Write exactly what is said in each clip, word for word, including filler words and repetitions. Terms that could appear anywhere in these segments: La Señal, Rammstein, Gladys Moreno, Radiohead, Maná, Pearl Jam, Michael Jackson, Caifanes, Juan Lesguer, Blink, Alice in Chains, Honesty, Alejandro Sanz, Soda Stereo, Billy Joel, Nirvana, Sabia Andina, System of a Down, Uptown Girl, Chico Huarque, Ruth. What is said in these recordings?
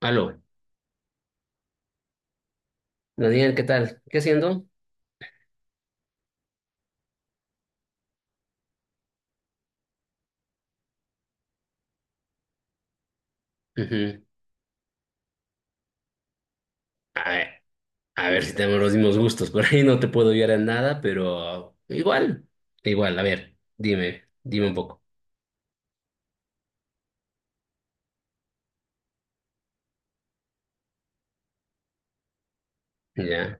Aló. Daniel, ¿qué tal? ¿Qué haciendo? Ujú. A ver, a ver si tenemos los mismos gustos. Por ahí no te puedo ayudar en nada, pero igual, igual. A ver, dime, dime un poco. Ya,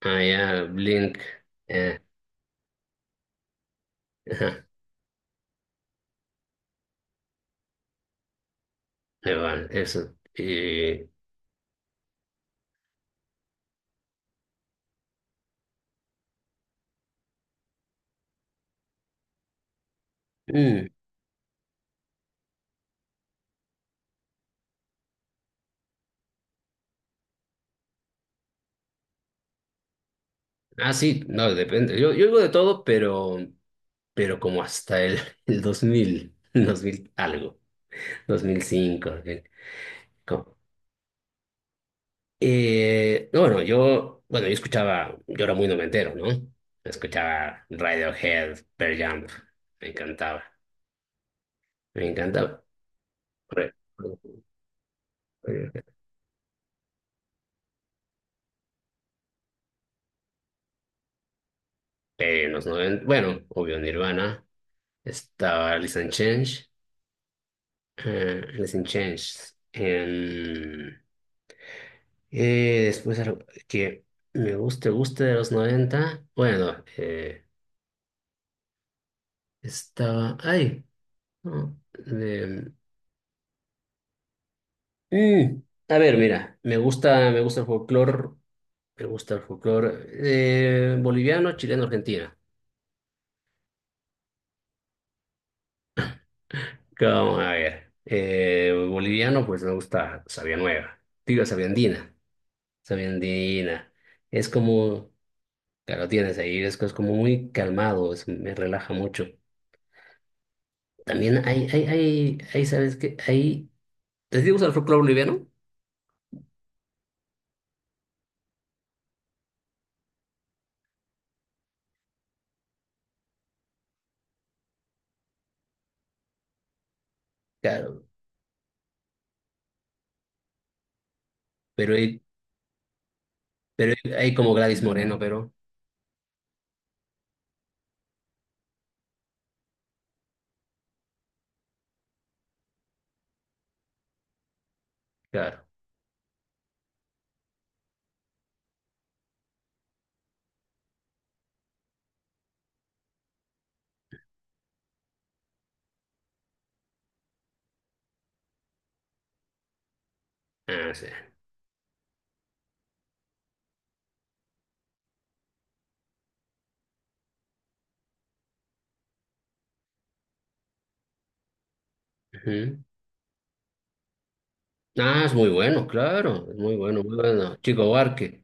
ah, ya, Blink. Eh, ajá, ahí van, eso. Eh, mm, ah, sí, no, depende. Yo, yo oigo de todo, pero, pero como hasta el, el dos mil dos mil algo, dos mil cinco. Ok. Como Eh, no, bueno, yo, bueno, yo escuchaba, yo era muy noventero, ¿no? Escuchaba Radiohead, Pearl Jam, me encantaba, me encantaba. Re- Radiohead. Eh, en los noventa bueno, obvio Nirvana, estaba Alice in Change, eh, Alice in Chains, en- eh, después algo que me gusta, gusta de los noventa bueno, eh, estaba, ay, no. Mm. A ver, mira, me gusta, me gusta el folclore, me gusta el folclore eh, boliviano, chileno, argentino. Como, a ver, eh, boliviano, pues me gusta Sabia Nueva, digo Sabia Andina, Sabia Andina. Es como, claro, tienes ahí, es, es como muy calmado, es- me relaja mucho. También hay, hay, hay, hay, ¿sabes qué? Hay, ¿te gusta el folclore boliviano? Claro, pero hay, pero hay, hay como Gladys Moreno, pero, claro, ah, sí. Ujú. Ah, es muy bueno, claro, es muy bueno, muy bueno. Chico Huarque.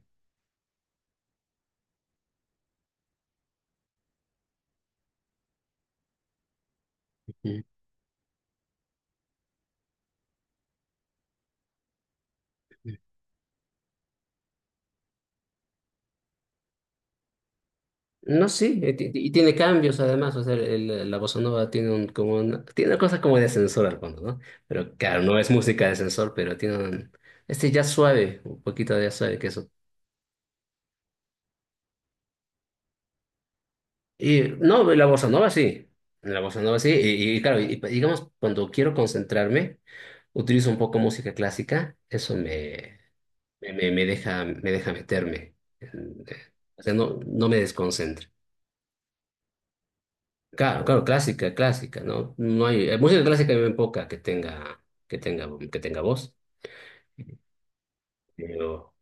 Ujú. No, sí, eh, ti- y tiene cambios además, o sea, el- la bossa nova tiene un, como una, tiene una cosa como de ascensor al fondo, ¿no? Pero claro, no es música de ascensor, pero tiene un- este jazz suave, un poquito de jazz suave que eso. Y no, la bossa nova sí, la bossa nova sí, y, y claro, y, y digamos, cuando quiero concentrarme, utilizo un poco música clásica, eso me, me, me me deja, me deja meterme, en- eh, o sea, no, no me desconcentra. Claro, claro, clásica, clásica, ¿no? No hay, eh, música clásica hay muy poca que tenga, que tenga, que tenga voz. Pero,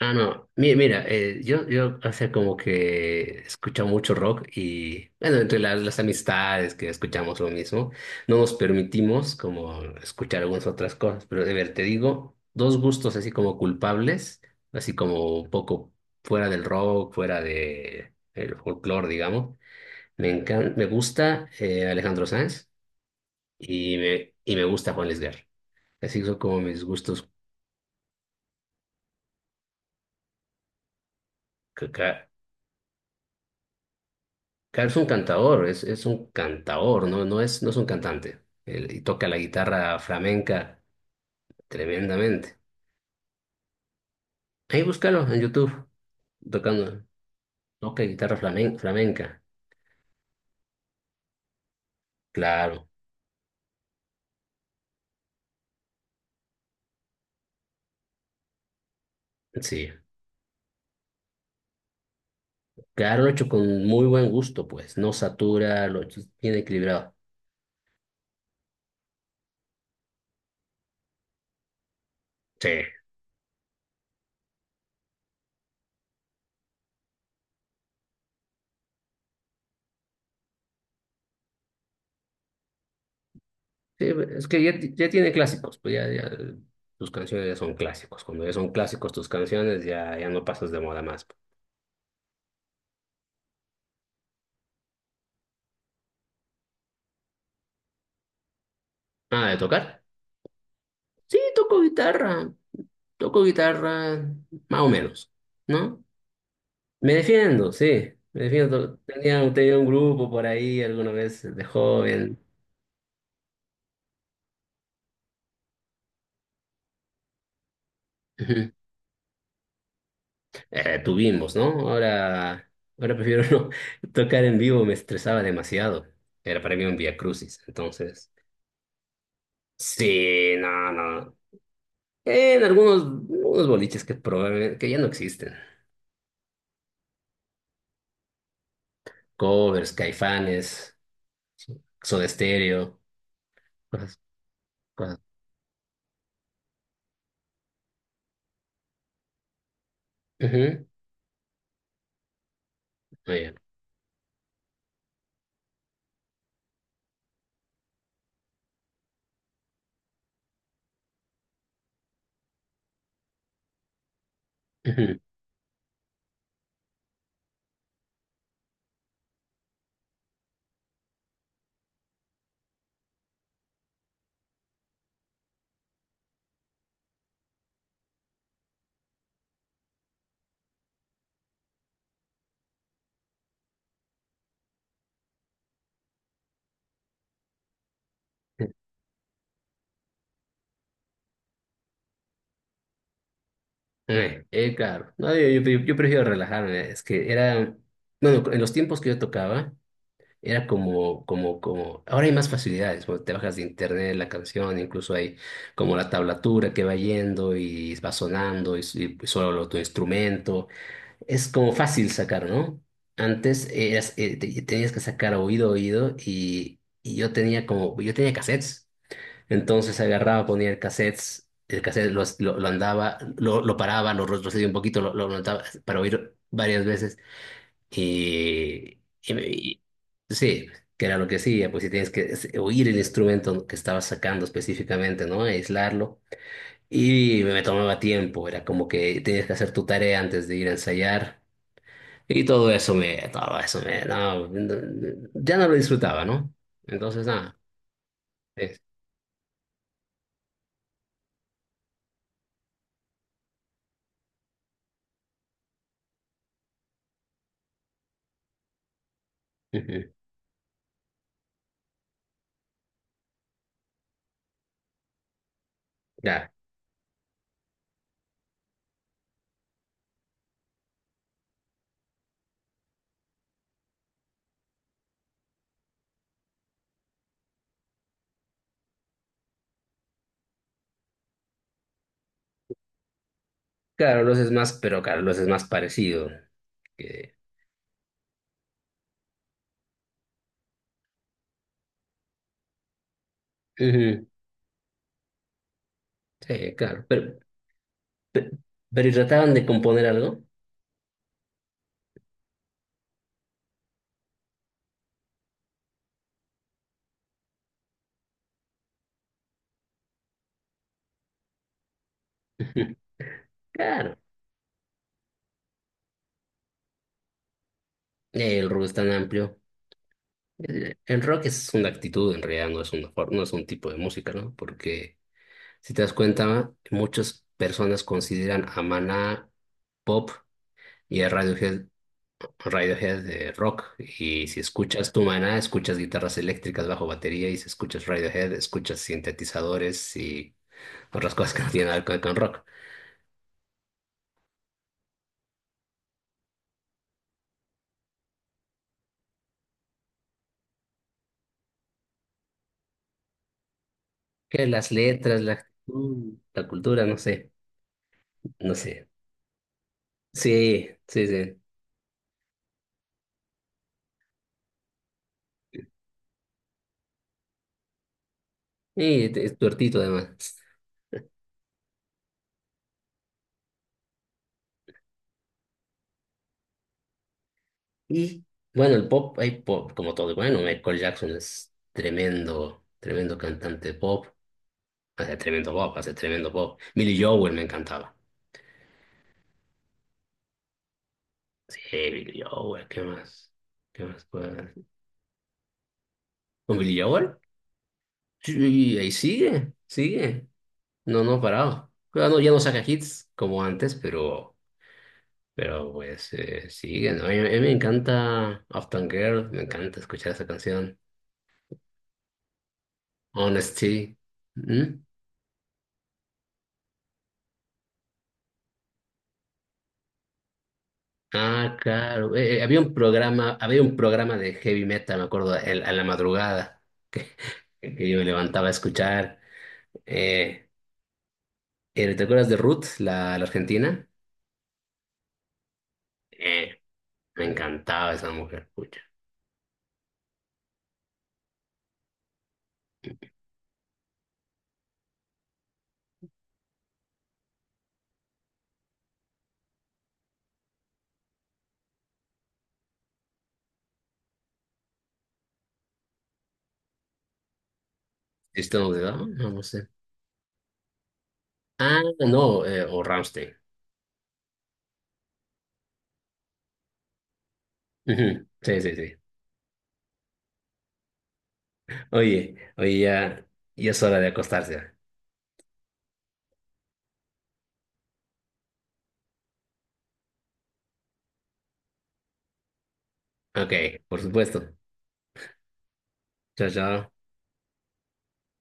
ah, no, mira, mira, eh, yo, yo hace como que escucho mucho rock y, bueno, entre las, las amistades que escuchamos lo mismo, no nos permitimos como escuchar algunas otras cosas, pero de ver, te digo, dos gustos así como culpables, así como un poco fuera del rock, fuera de el folclore, digamos. Me encanta, me gusta eh, Alejandro Sanz. Y me, y me gusta Juan Lesguer. Así son como mis gustos. Ca- ca- Ca- es un cantador, es, es un cantador, no, no es, no es un cantante. Él- y toca la guitarra flamenca tremendamente. Ahí búscalo en YouTube, tocando, toca guitarra flamen- flamenca. Claro, sí. Claro, lo hecho con muy buen gusto, pues. No satura, lo hecho bien equilibrado. Sí. Sí, es que ya, ya tiene clásicos, pues ya, ya tus canciones ya son clásicos. Cuando ya son clásicos tus canciones, ya, ya no pasas de moda más. Ah, ¿de tocar? Sí, toco guitarra, toco guitarra, más o menos, ¿no? Me defiendo, sí, me defiendo. Tenía, tenía un grupo por ahí alguna vez de joven. Ujú. Eh, tuvimos, ¿no? Ahora, ahora prefiero no tocar en vivo, me estresaba demasiado. Era para mí un vía crucis, entonces... Sí, no, no. En algunos, unos boliches que probé, que ya no existen. Covers, Caifanes, Soda Stereo, cosas, cosas. Ujú, muy bien. Ujú. Eh, eh, claro, no, yo, yo- yo prefiero relajarme, es que era, bueno, en los tiempos que yo tocaba, era como, como, como, ahora hay más facilidades, bueno, te bajas de internet la canción, incluso hay como la tablatura que va yendo y va sonando y, y solo tu instrumento. Es como fácil sacar, ¿no? Antes eras, eh, te- tenías que sacar oído, oído, y, y yo tenía como, yo tenía cassettes. Entonces agarraba, ponía el cassettes, el cassette lo, lo, lo andaba, lo, lo paraba, lo retrocedía un poquito, lo, lo levantaba para oír varias veces. Y, y me- y- sí, que era lo que hacía, pues si tienes que es- oír el instrumento que estabas sacando específicamente, ¿no? Aislarlo. Y me me tomaba tiempo, era como que tenías que hacer tu tarea antes de ir a ensayar. Y todo eso me, todo eso me, no, no, ya no lo disfrutaba, ¿no? Entonces, nada, es, ujú, ya, claro, los es más, pero claro, los es más parecido que, ujú, sí, claro, pero, pe- pero, ¿y trataban de componer algo? Ujú. Claro, el rock es tan amplio. El, el rock es una actitud, en realidad no es una for- no es un tipo de música, ¿no? Porque si te das cuenta, muchas personas consideran a Maná pop y a Radiohead, Radiohead de rock. Y si escuchas tu maná, escuchas guitarras eléctricas bajo batería. Y si escuchas Radiohead, escuchas sintetizadores y otras cosas que no tienen nada que ver con rock. Que las letras, la actitud, la cultura, no sé. No sé. Sí, sí, sí. Y te- es tuertito además. Y bueno, el pop, hay pop, como todo. Bueno, Michael Jackson es tremendo, tremendo cantante de pop. Hace tremendo pop, hace tremendo pop. Billy Joel me encantaba. Sí, Billy Joel, ¿qué más? ¿Qué más puede haber? ¿Con Billy Joel? Sí, ahí sigue, sigue. No, no ha parado. Ya no, ya no saca hits como antes, pero, pero pues eh, sigue, ¿no? A mí, a mí me encanta Uptown Girl, me encanta escuchar esa canción. Honesty. ¿Mm? Ah, claro. Eh, eh, había un programa, había un programa de heavy metal, me acuerdo, el- a la madrugada, que yo me levantaba a escuchar. Eh, eh, ¿te acuerdas de Ruth, la, la argentina? Eh, Me encantaba esa mujer, pucha. ¿System of a Down? No, no sé. Ah, no, eh, o Rammstein. Ujú, sí, sí, sí. Oye, oye, ya, ya es hora de acostarse. Ok, por supuesto. Chao, chao.